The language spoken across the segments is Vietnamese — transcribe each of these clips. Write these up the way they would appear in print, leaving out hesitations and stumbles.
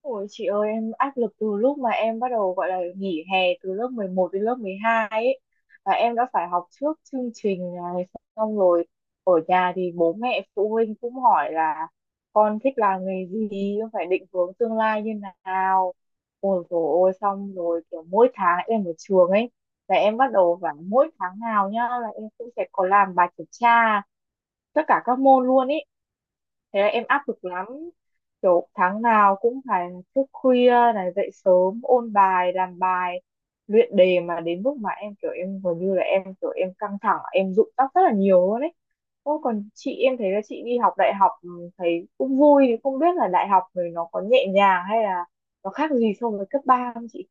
Ôi chị ơi, em áp lực từ lúc mà em bắt đầu gọi là nghỉ hè từ lớp 11 đến lớp 12 ấy, và em đã phải học trước chương trình này. Xong rồi ở nhà thì bố mẹ phụ huynh cũng hỏi là con thích làm nghề gì, con phải định hướng tương lai như nào. Ôi dồi ôi, xong rồi kiểu mỗi tháng em ở trường ấy, là em bắt đầu phải mỗi tháng nào nhá là em cũng sẽ có làm bài kiểm tra tất cả các môn luôn ấy. Thế là em áp lực lắm, kiểu tháng nào cũng phải thức khuya này dậy sớm ôn bài, làm bài, luyện đề, mà đến lúc mà em kiểu em gần như là em kiểu em căng thẳng, em rụng tóc rất là nhiều luôn ấy. Ô, còn chị, em thấy là chị đi học đại học, ừ, thấy cũng vui, thì không biết là đại học rồi nó có nhẹ nhàng hay là nó khác gì so với cấp 3 không chị?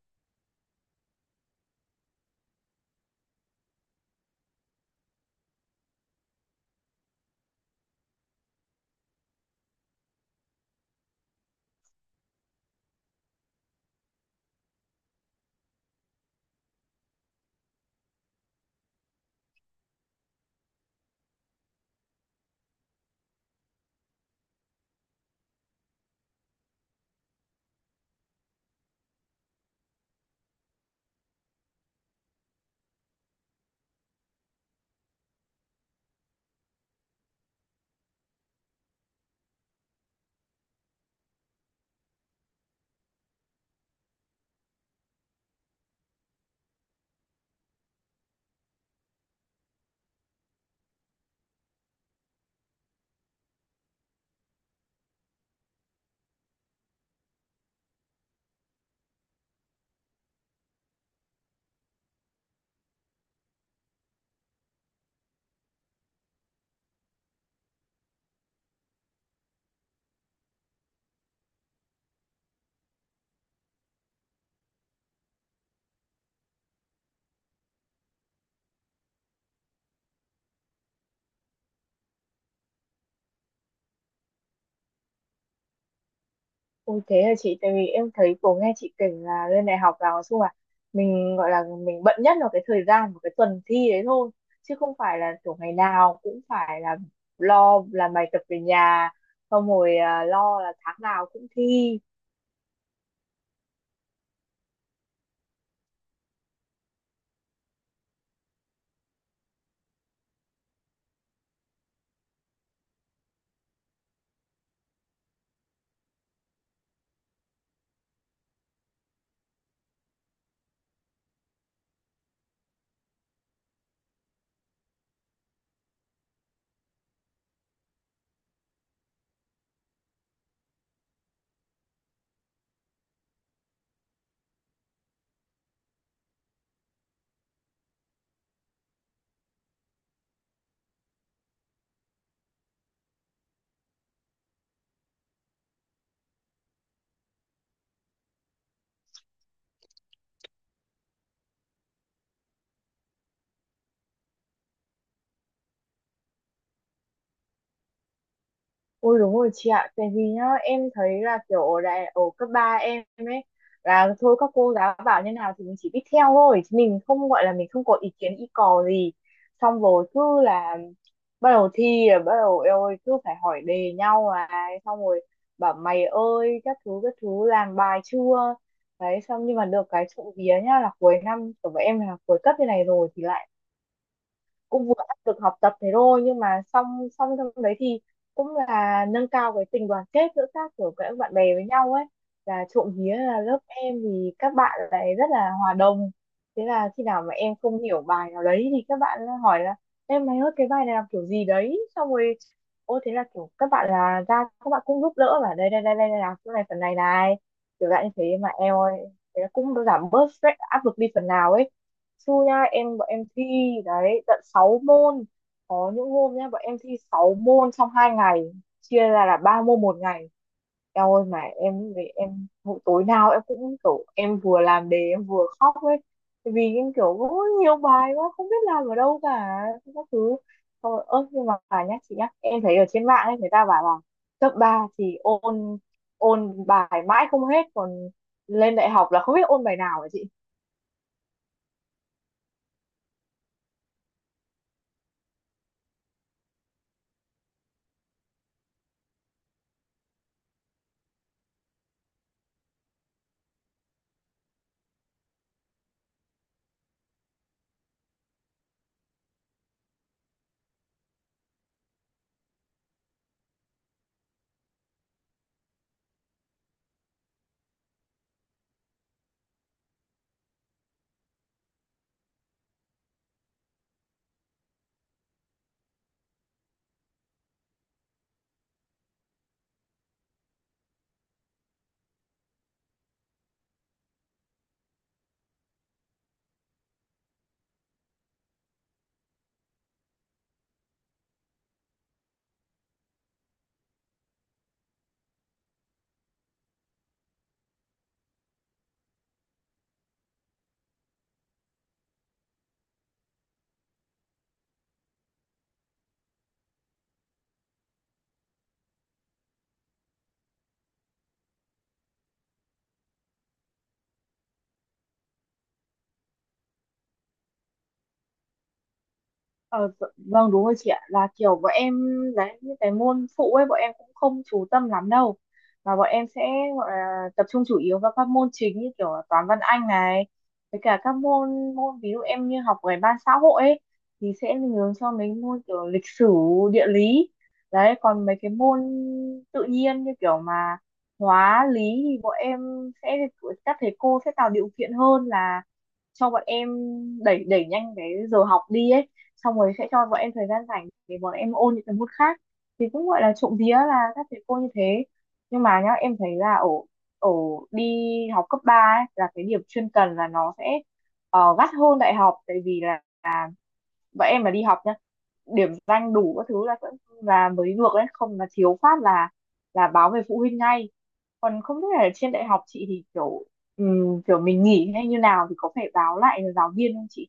Ôi thế là chị, tại vì em thấy cô nghe chị kể là lên đại học là nói chung là mình gọi là mình bận nhất là cái thời gian của cái tuần thi đấy thôi, chứ không phải là kiểu ngày nào cũng phải là lo làm bài tập về nhà, xong rồi lo là tháng nào cũng thi. Ôi đúng rồi chị ạ, tại vì nhá, em thấy là kiểu ở đại ở cấp 3 em ấy là thôi các cô giáo bảo như nào thì mình chỉ biết theo thôi, chứ mình không gọi là mình không có ý kiến ý cò gì. Xong rồi cứ là bắt đầu thi là bắt đầu eo ơi cứ phải hỏi đề nhau này, xong rồi bảo mày ơi các thứ làm bài chưa? Đấy xong nhưng mà được cái trộm vía nhá, là cuối năm của bọn em là cuối cấp như này rồi thì lại cũng vừa áp lực học tập thế thôi, nhưng mà xong xong trong đấy thì cũng là nâng cao cái tình đoàn kết giữa các kiểu các bạn bè với nhau ấy. Là trộm vía là lớp em thì các bạn lại rất là hòa đồng, thế là khi nào mà em không hiểu bài nào đấy thì các bạn hỏi là em mày ơi cái bài này làm kiểu gì đấy, xong rồi ô thế là kiểu các bạn là ra các bạn cũng giúp đỡ và đây đây đây đây đây là chỗ này phần này này, kiểu dạng như thế mà em ơi. Thế là cũng giảm bớt stress, áp lực đi phần nào ấy. Xui nhá, em bọn em thi đấy tận 6 môn, có những hôm nhá bọn em thi 6 môn trong hai ngày, chia ra là ba môn một ngày. Eo ơi mà em về em mỗi tối nào em cũng kiểu em vừa làm đề em vừa khóc ấy. Tại vì em kiểu có nhiều bài quá không biết làm ở đâu cả các thứ. Thôi, ơ nhưng mà phải nhá chị nhá, em thấy ở trên mạng ấy người ta bảo là cấp 3 thì ôn ôn bài mãi không hết, còn lên đại học là không biết ôn bài nào, hả chị? Ờ, vâng đúng rồi chị ạ, là kiểu bọn em đấy những cái môn phụ ấy bọn em cũng không chú tâm lắm đâu, mà bọn em sẽ gọi là tập trung chủ yếu vào các môn chính như kiểu là toán văn anh này, với cả các môn môn ví dụ em như học về ban xã hội ấy thì sẽ hướng cho mấy môn kiểu lịch sử, địa lý. Đấy còn mấy cái môn tự nhiên như kiểu mà hóa lý thì bọn em sẽ các thầy cô sẽ tạo điều kiện hơn là cho bọn em đẩy đẩy nhanh cái giờ học đi ấy, xong rồi sẽ cho bọn em thời gian rảnh để bọn em ôn những cái môn khác, thì cũng gọi là trộm vía là các thầy cô như thế. Nhưng mà nhá em thấy là ở ở đi học cấp 3 ấy là cái điểm chuyên cần là nó sẽ gắt hơn đại học, tại vì là bọn em mà đi học nhá điểm danh đủ các thứ là vẫn là mới được đấy, không là thiếu phát là báo về phụ huynh ngay. Còn không biết là trên đại học chị thì kiểu kiểu mình nghỉ hay như nào thì có phải báo lại giáo viên không chị?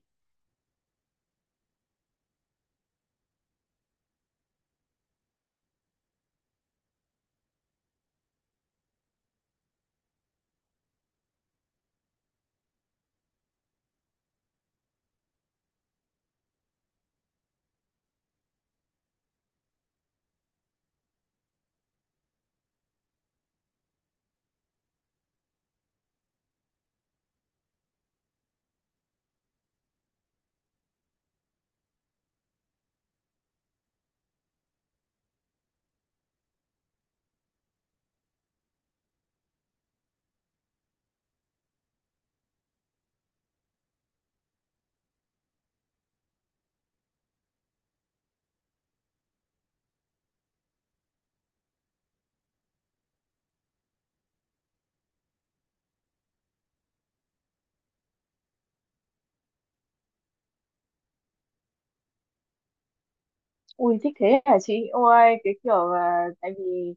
Ui thích thế hả chị? Ôi cái kiểu là tại vì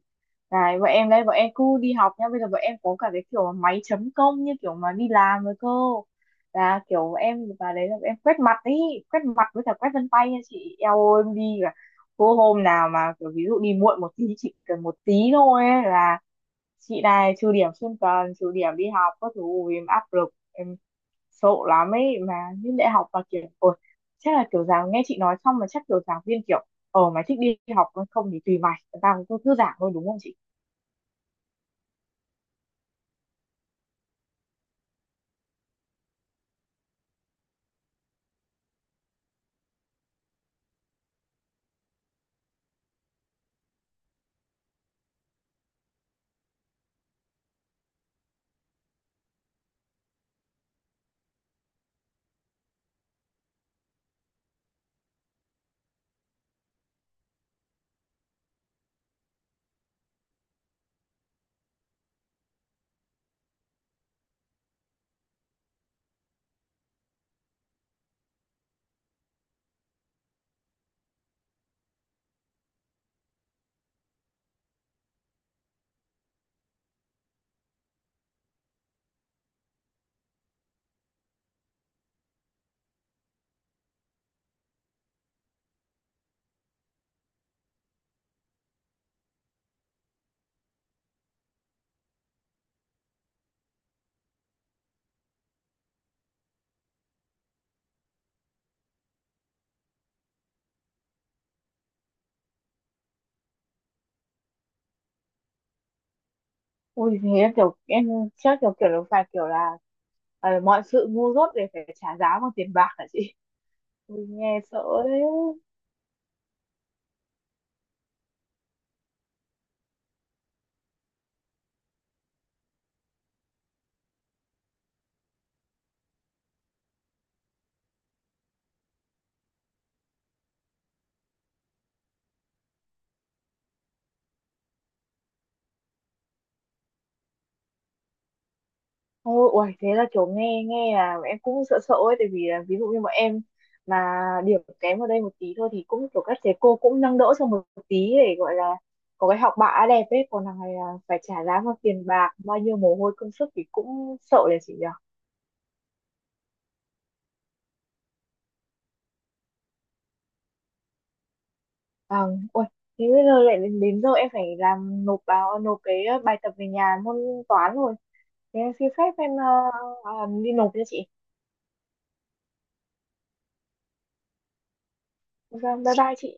này bọn em đây bọn em cứ đi học nha, bây giờ bọn em có cả cái kiểu máy chấm công như kiểu mà đi làm rồi cơ, là kiểu bọn em vào đấy là bọn em quét mặt ý, quét mặt với cả quét vân tay nha chị. Eo ơi em đi cả cô hôm nào mà kiểu ví dụ đi muộn một tí, chị cần một tí thôi ấy, là chị này trừ điểm xuyên tuần, trừ điểm đi học các thứ. Ui, em áp lực, em sợ lắm ấy mà. Những đại học mà kiểu ôi chắc là kiểu giáo nghe chị nói xong mà chắc kiểu giảng viên kiểu ờ mày thích đi học còn không thì tùy mày, tao cứ thư giãn thôi, đúng không chị? Ui thế em kiểu em chắc kiểu kiểu là phải kiểu là mọi sự ngu dốt đều phải trả giá bằng tiền bạc, hả chị? Ui nghe sợ đấy. Ôi ui, thế là kiểu nghe nghe là em cũng sợ sợ ấy, tại vì là ví dụ như bọn em mà điểm kém ở đây một tí thôi thì cũng kiểu các thầy cô cũng nâng đỡ cho một tí để gọi là có cái học bạ đẹp ấy, còn thằng này là phải trả giá bằng tiền bạc bao nhiêu mồ hôi công sức, thì cũng sợ đấy chị nhỉ. À, ôi, thế bây giờ lại đến, đến giờ em phải làm nộp báo nộp cái bài tập về nhà môn toán rồi. Thế em xin phép em ờ, đi nộp cho chị. Vâng, bye bye chị.